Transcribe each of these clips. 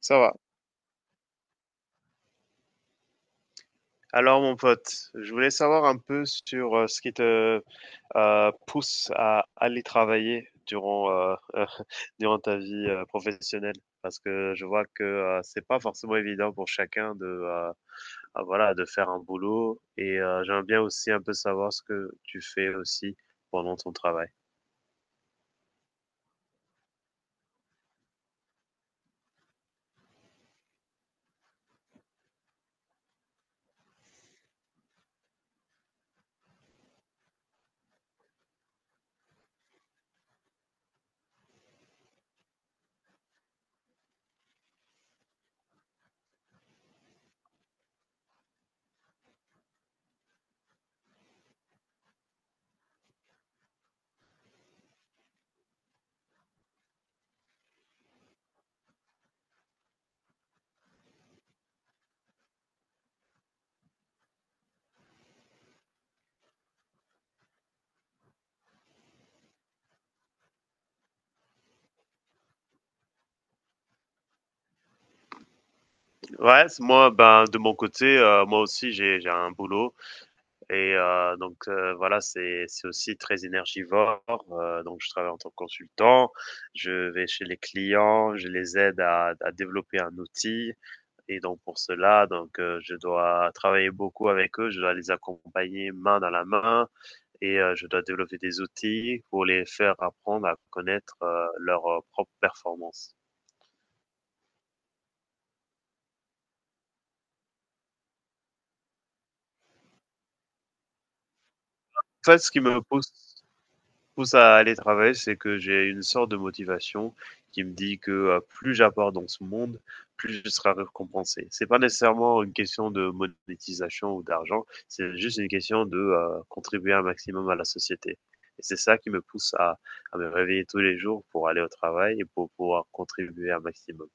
Ça va. Alors, mon pote, je voulais savoir un peu sur ce qui te pousse à aller travailler durant, durant ta vie professionnelle, parce que je vois que c'est pas forcément évident pour chacun de, ah, voilà, de faire un boulot, et j'aimerais bien aussi un peu savoir ce que tu fais aussi pendant ton travail. Ouais, moi, ben, de mon côté, moi aussi, j'ai un boulot. Et donc voilà, c'est aussi très énergivore. Donc je travaille en tant que consultant, je vais chez les clients, je les aide à développer un outil. Et donc pour cela, donc je dois travailler beaucoup avec eux, je dois les accompagner main dans la main et je dois développer des outils pour les faire apprendre à connaître leur propre performance. En fait, ce qui me pousse à aller travailler, c'est que j'ai une sorte de motivation qui me dit que plus j'apporte dans ce monde, plus je serai récompensé. C'est pas nécessairement une question de monétisation ou d'argent, c'est juste une question de contribuer un maximum à la société. Et c'est ça qui me pousse à me réveiller tous les jours pour aller au travail et pour pouvoir contribuer un maximum.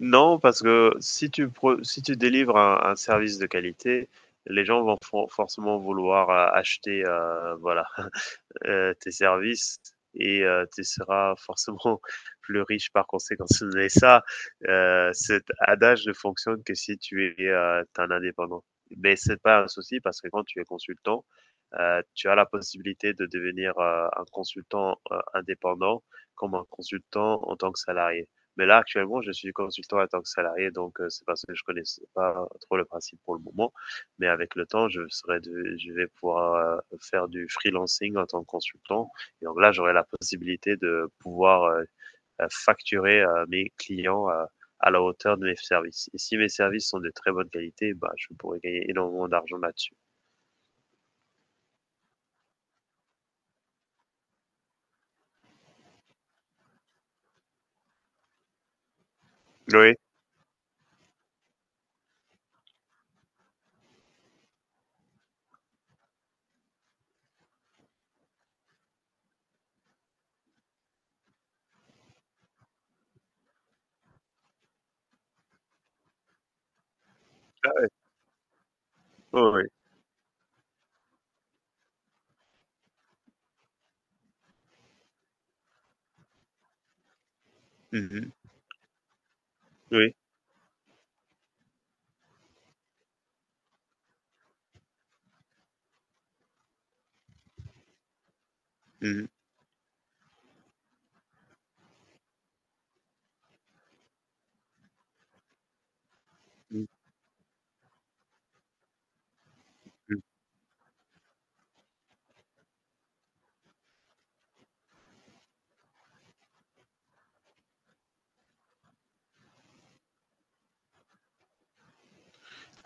Non, parce que si tu délivres un service de qualité, les gens vont forcément vouloir acheter, voilà, tes services et tu seras forcément plus riche par conséquent. Mais ça, cet adage ne fonctionne que si tu es un indépendant. Mais c'est pas un souci parce que quand tu es consultant, tu as la possibilité de devenir un consultant indépendant comme un consultant en tant que salarié. Mais là, actuellement, je suis consultant en tant que salarié, donc c'est parce que je connaissais pas trop le principe pour le moment. Mais avec le temps, je vais pouvoir faire du freelancing en tant que consultant. Et donc là, j'aurai la possibilité de pouvoir facturer mes clients à la hauteur de mes services. Et si mes services sont de très bonne qualité, bah, je pourrais gagner énormément d'argent là-dessus. Oui. Ah ouais. Oh, oui. Mhm. Oui. Mhm. Mhm.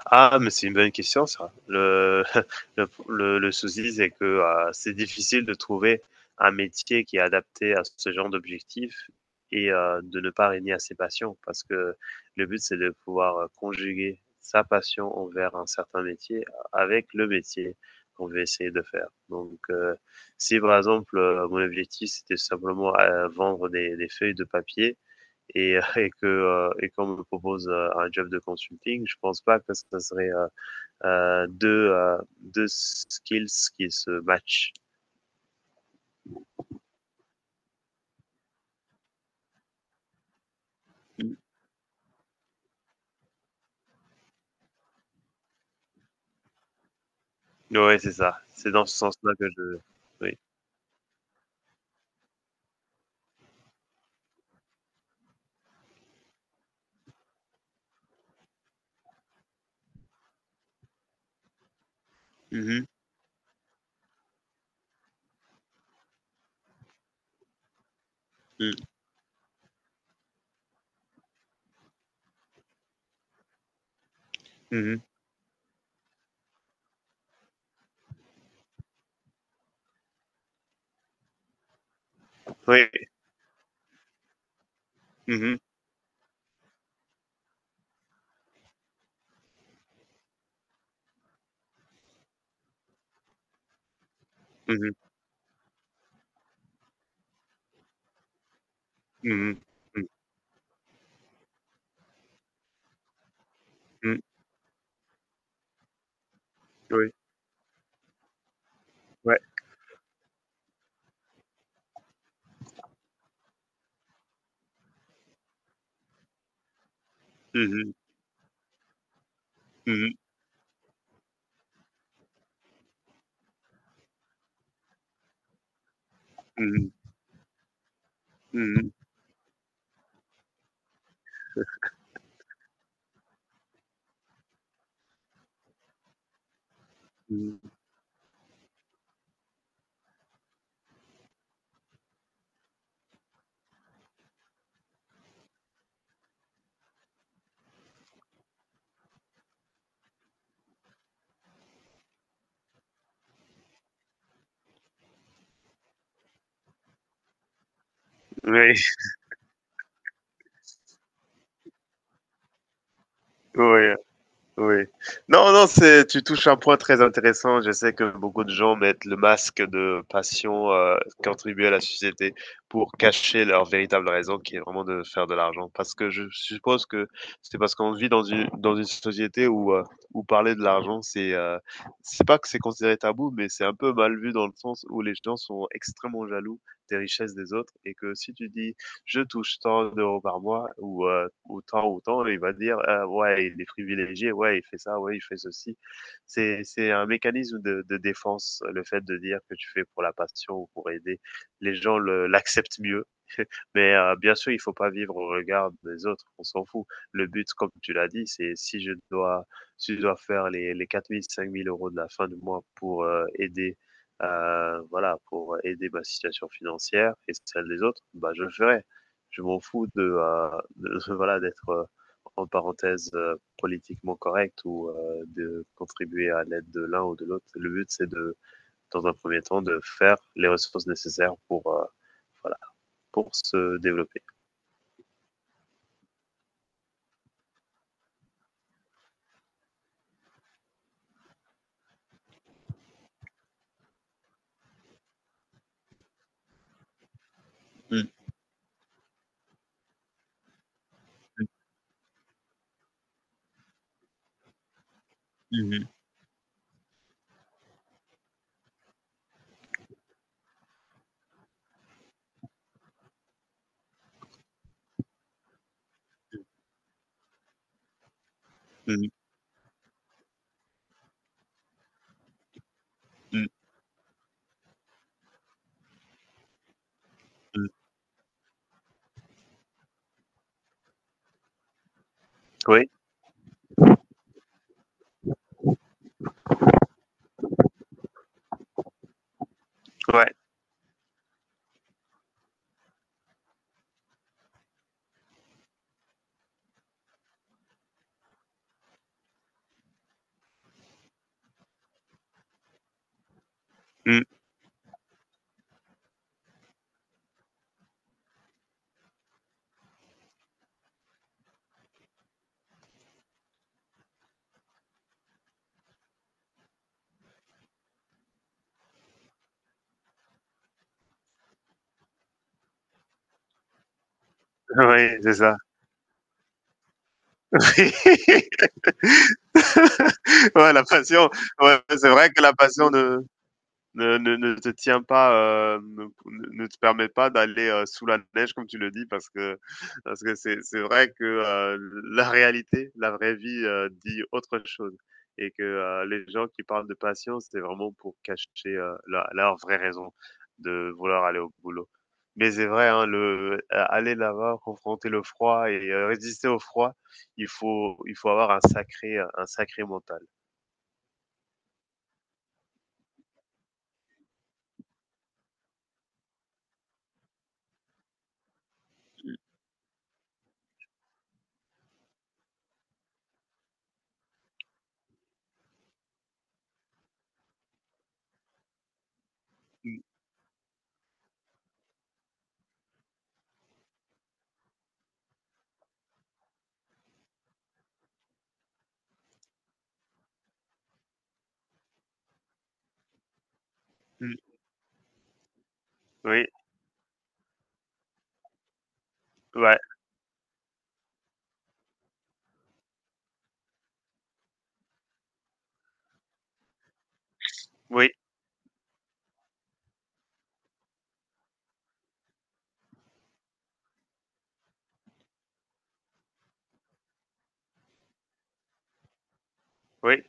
Ah, mais c'est une bonne question ça. Le souci, c'est que c'est difficile de trouver un métier qui est adapté à ce genre d'objectif et de ne pas régner à ses passions parce que le but, c'est de pouvoir conjuguer sa passion envers un certain métier avec le métier qu'on veut essayer de faire. Donc, si par exemple, mon objectif, c'était simplement vendre des feuilles de papier, et qu'on me propose un job de consulting, je pense pas que ça serait deux skills qui se matchent. Ouais, c'est ça. C'est dans ce sens-là que je. Oui. Mhm. Mhm. Mhm. Oui. Mhm. Mhm. Mhm. Mhm. Oui. Ouais. Mhm. Mhm. Mhm. Mhm. Mhm. Oui. Oui. Oui. Non, non, c'est, tu touches un point très intéressant. Je sais que beaucoup de gens mettent le masque de passion contribuer à la société pour cacher leur véritable raison, qui est vraiment de faire de l'argent. Parce que je suppose que c'est parce qu'on vit dans dans une société où, où parler de l'argent, c'est pas que c'est considéré tabou, mais c'est un peu mal vu dans le sens où les gens sont extrêmement jaloux des richesses des autres. Et que si tu dis, je touche tant d'euros par mois ou autant, il va dire, ah, ouais, il est privilégié, ouais, il fait ça, ouais, il fait ceci. C'est un mécanisme de défense. Le fait de dire que tu fais pour la passion ou pour aider les gens, l'acceptent mieux. Mais bien sûr, il faut pas vivre au regard des autres, on s'en fout. Le but, comme tu l'as dit, c'est, si je dois faire les 4 000 5 000 euros de la fin du mois pour aider, voilà, pour aider ma situation financière et celle des autres, bah, je le ferai. Je m'en fous de, voilà, d'être en parenthèse politiquement correct ou de contribuer à l'aide de l'un ou de l'autre. Le but, c'est de, dans un premier temps, de faire les ressources nécessaires pour voilà, pour se développer. Mmh. Mmh. Mmh. Mmh. Mmh. Oui, ouais. Mmh. Oui, c'est ça. Ouais, la passion, ouais, c'est vrai que la passion de ne te tiens pas, euh, ne, ne te permet pas d'aller sous la neige comme tu le dis, parce que c'est vrai que la réalité, la vraie vie, dit autre chose, et que les gens qui parlent de patience, c'est vraiment pour cacher leur vraie raison de vouloir aller au boulot. Mais c'est vrai, hein, le aller là-bas, confronter le froid et résister au froid, il faut avoir un sacré mental. Mm, mm. Oui, ouais, oui, oui.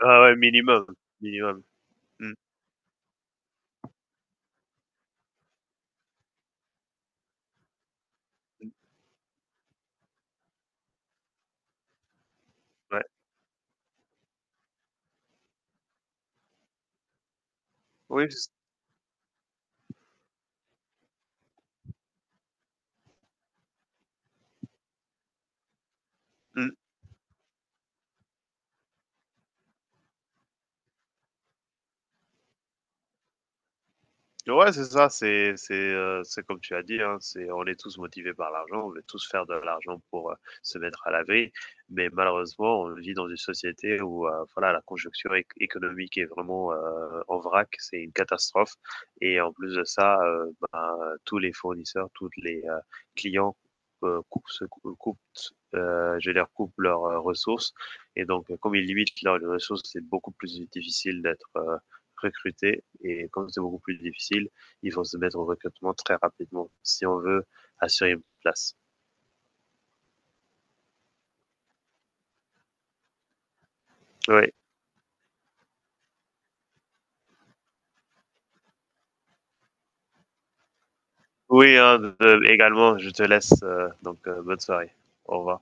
Ah ouais, minimum, minimum. Mmh, mh, ouais. Oui, c mmh. Ouais, c'est ça, c'est comme tu as dit, hein, c'est, on est tous motivés par l'argent, on veut tous faire de l'argent pour, se mettre à l'abri. Mais malheureusement, on vit dans une société où, voilà, la conjoncture éc économique est vraiment, en vrac, c'est une catastrophe. Et en plus de ça, ben, tous les fournisseurs, tous les, clients, coupent, je veux coupe leurs, ressources, et donc comme ils limitent leurs ressources, c'est beaucoup plus difficile d'être, recruter. Et comme c'est beaucoup plus difficile, ils vont se mettre au recrutement très rapidement si on veut assurer une place. Oui, oui, hein, également, je te laisse. Donc, bonne soirée. Au revoir.